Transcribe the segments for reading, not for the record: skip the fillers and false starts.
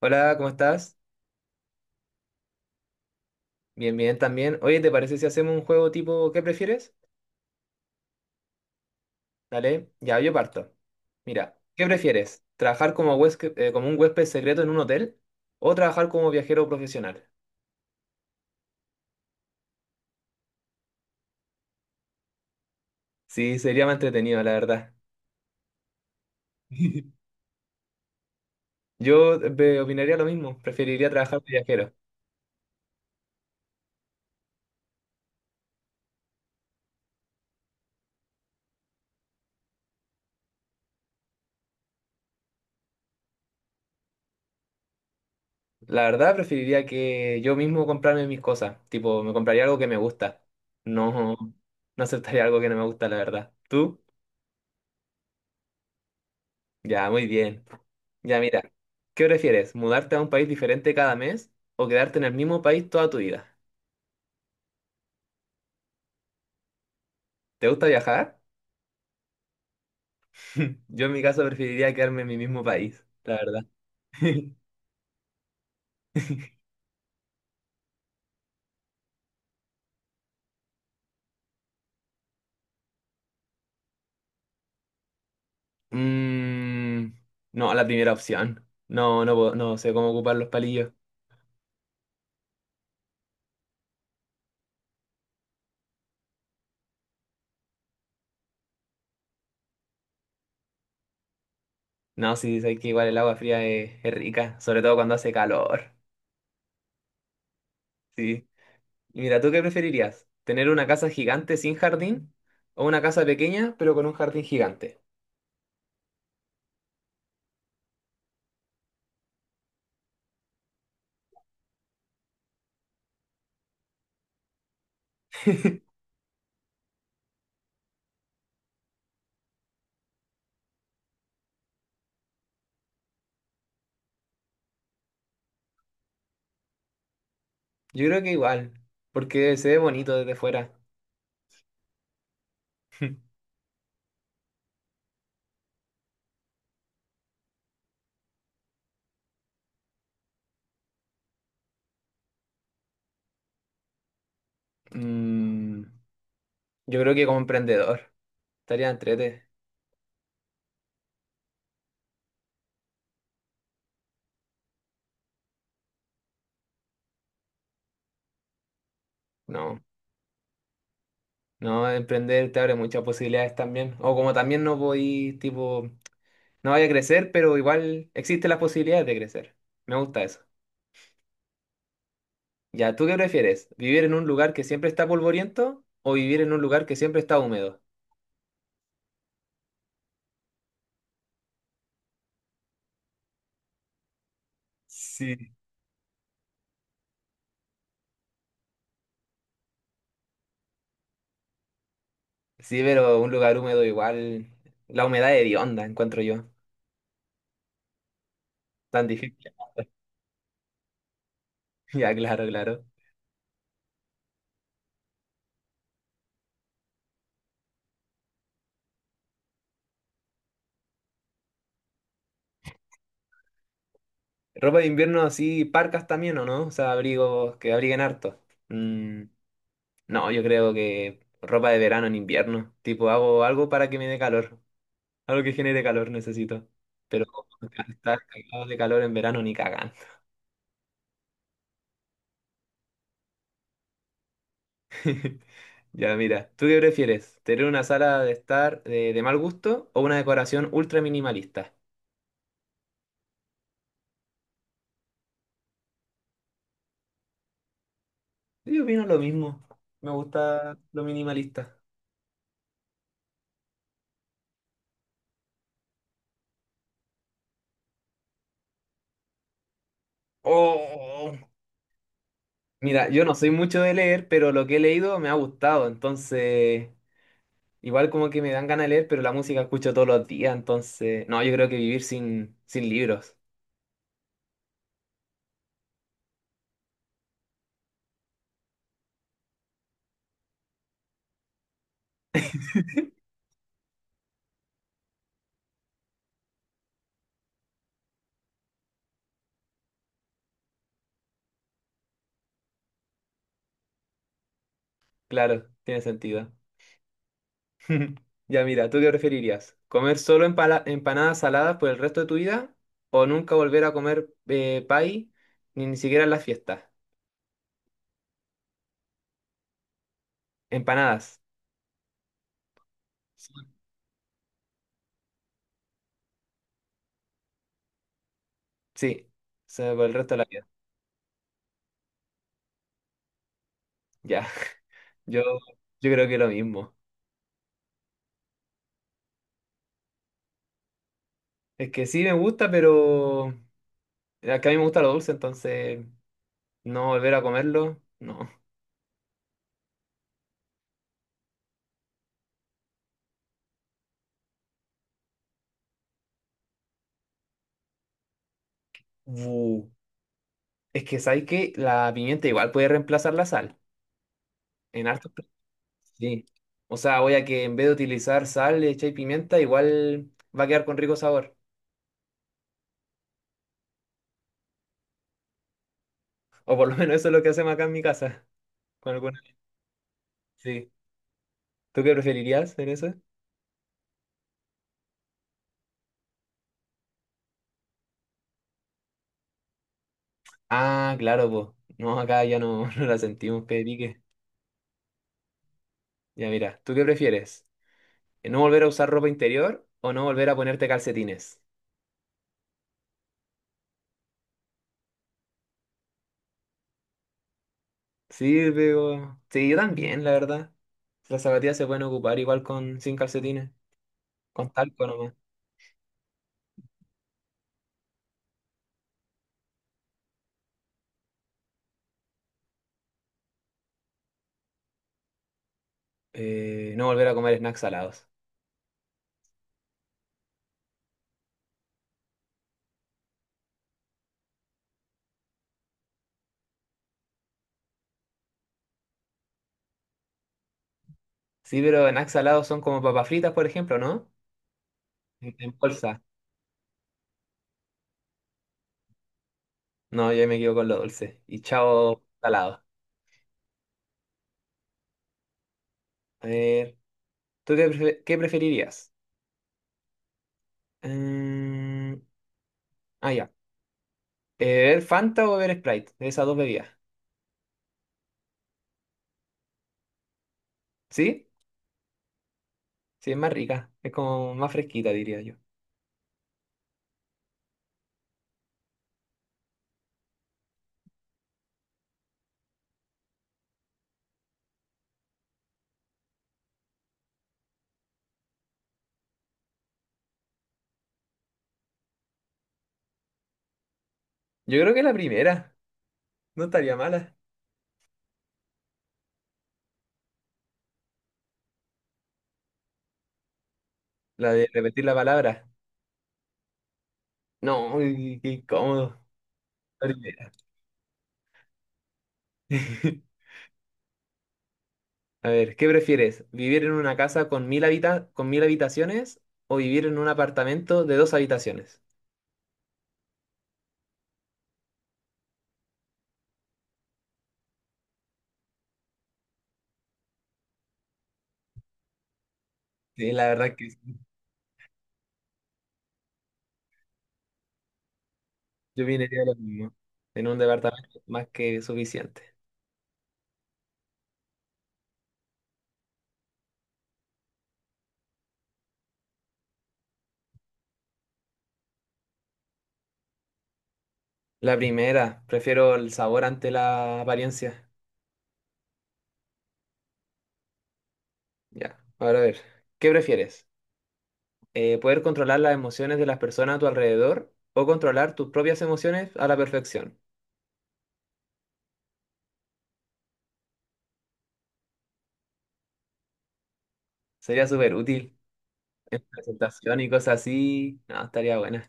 Hola, ¿cómo estás? Bien, bien también. Oye, ¿te parece si hacemos un juego tipo ¿qué prefieres? Dale, ya yo parto. Mira, ¿qué prefieres? ¿Trabajar como como un huésped secreto en un hotel o trabajar como viajero profesional? Sí, sería más entretenido, la verdad. Yo opinaría lo mismo, preferiría trabajar de viajero. La verdad, preferiría que yo mismo comprarme mis cosas, tipo, me compraría algo que me gusta. No, no aceptaría algo que no me gusta, la verdad. ¿Tú? Ya, muy bien. Ya, mira, ¿qué prefieres? ¿Mudarte a un país diferente cada mes o quedarte en el mismo país toda tu vida? ¿Te gusta viajar? Yo en mi caso preferiría quedarme en mi mismo país, la verdad. Mm, no, la primera opción. No, no, no sé cómo ocupar los palillos. No, sí, sé que igual el agua fría es rica, sobre todo cuando hace calor. Sí. Y mira, ¿tú qué preferirías? ¿Tener una casa gigante sin jardín o una casa pequeña pero con un jardín gigante? Yo creo que igual, porque se ve bonito desde fuera. Mm, yo creo que como emprendedor estaría entrete. No, no, emprender te abre muchas posibilidades también. O como también no voy, tipo, no vaya a crecer, pero igual existen las posibilidades de crecer. Me gusta eso. Ya, ¿tú qué prefieres? ¿Vivir en un lugar que siempre está polvoriento o vivir en un lugar que siempre está húmedo? Sí. Sí, pero un lugar húmedo igual, la humedad hedionda, encuentro yo. Tan difícil. Ya, claro, claro. Ropa de invierno así, parcas también, ¿o no? O sea, abrigos que abriguen harto. Mm, no, yo creo que ropa de verano en invierno. Tipo, hago algo para que me dé calor. Algo que genere calor necesito. Pero estar cagado de calor en verano ni cagan. Ya, mira, ¿tú qué prefieres? ¿Tener una sala de estar de mal gusto o una decoración ultra minimalista? Yo opino lo mismo. Me gusta lo minimalista. Oh. Mira, yo no soy mucho de leer, pero lo que he leído me ha gustado, entonces igual como que me dan ganas de leer, pero la música escucho todos los días, entonces no, yo creo que vivir sin libros, claro, tiene sentido. Ya mira, ¿tú qué preferirías? ¿Comer solo empanadas saladas por el resto de tu vida o nunca volver a comer pay ni siquiera en las fiestas? Empanadas, sí, o sea, por el resto de la vida. Ya, yo, yo creo que lo mismo. Es que sí me gusta, pero... que a mí me gusta lo dulce, entonces no volver a comerlo, no. Bu. Es que sabes que la pimienta igual puede reemplazar la sal. En hartos platos, sí. O sea, voy a que en vez de utilizar sal, le echáis pimienta, igual va a quedar con rico sabor. O por lo menos eso es lo que hacemos acá en mi casa. Con alguna... Sí. ¿Tú qué preferirías en eso? Ah, claro, pues no, acá ya no, no la sentimos, que pique. Ya mira, ¿tú qué prefieres? ¿No volver a usar ropa interior o no volver a ponerte calcetines? Sí, pero... Sí, yo también, la verdad. Las zapatillas se pueden ocupar igual con sin calcetines, con talco nomás. No volver a comer snacks salados. Sí, pero snacks salados son como papas fritas, por ejemplo, ¿no? En bolsa. No, yo me quedo con lo dulce. Y chao, salado. A ver, ¿tú qué, qué preferirías? Mm, ah, ya. ¿Beber Fanta o beber Sprite? De esas dos bebidas. ¿Sí? Sí, es más rica. Es como más fresquita, diría yo. Yo creo que la primera. No estaría mala. La de repetir la palabra. No, qué incómodo. Horrible. A ver, ¿qué prefieres? ¿Vivir en una casa con con mil habitaciones o vivir en un apartamento de dos habitaciones? Sí, la verdad que sí, yo viniría lo mismo. En un departamento más que suficiente. La primera, prefiero el sabor ante la apariencia. Ya, ahora a ver, ¿qué prefieres? ¿Poder controlar las emociones de las personas a tu alrededor o controlar tus propias emociones a la perfección? Sería súper útil. Presentación y cosas así, no, estaría buena.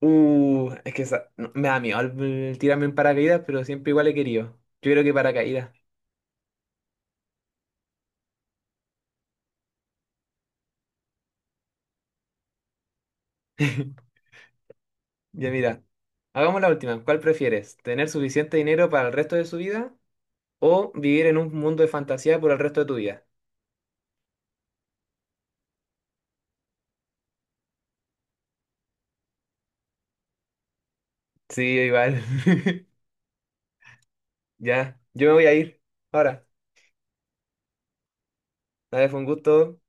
Es que no, me da miedo el tirarme en paracaídas, pero siempre igual he querido. Yo creo que paracaídas. Ya mira, hagamos la última. ¿Cuál prefieres? ¿Tener suficiente dinero para el resto de su vida o vivir en un mundo de fantasía por el resto de tu vida? Sí, igual. Ya, yo me voy a ir. Ahora, nada, fue un gusto.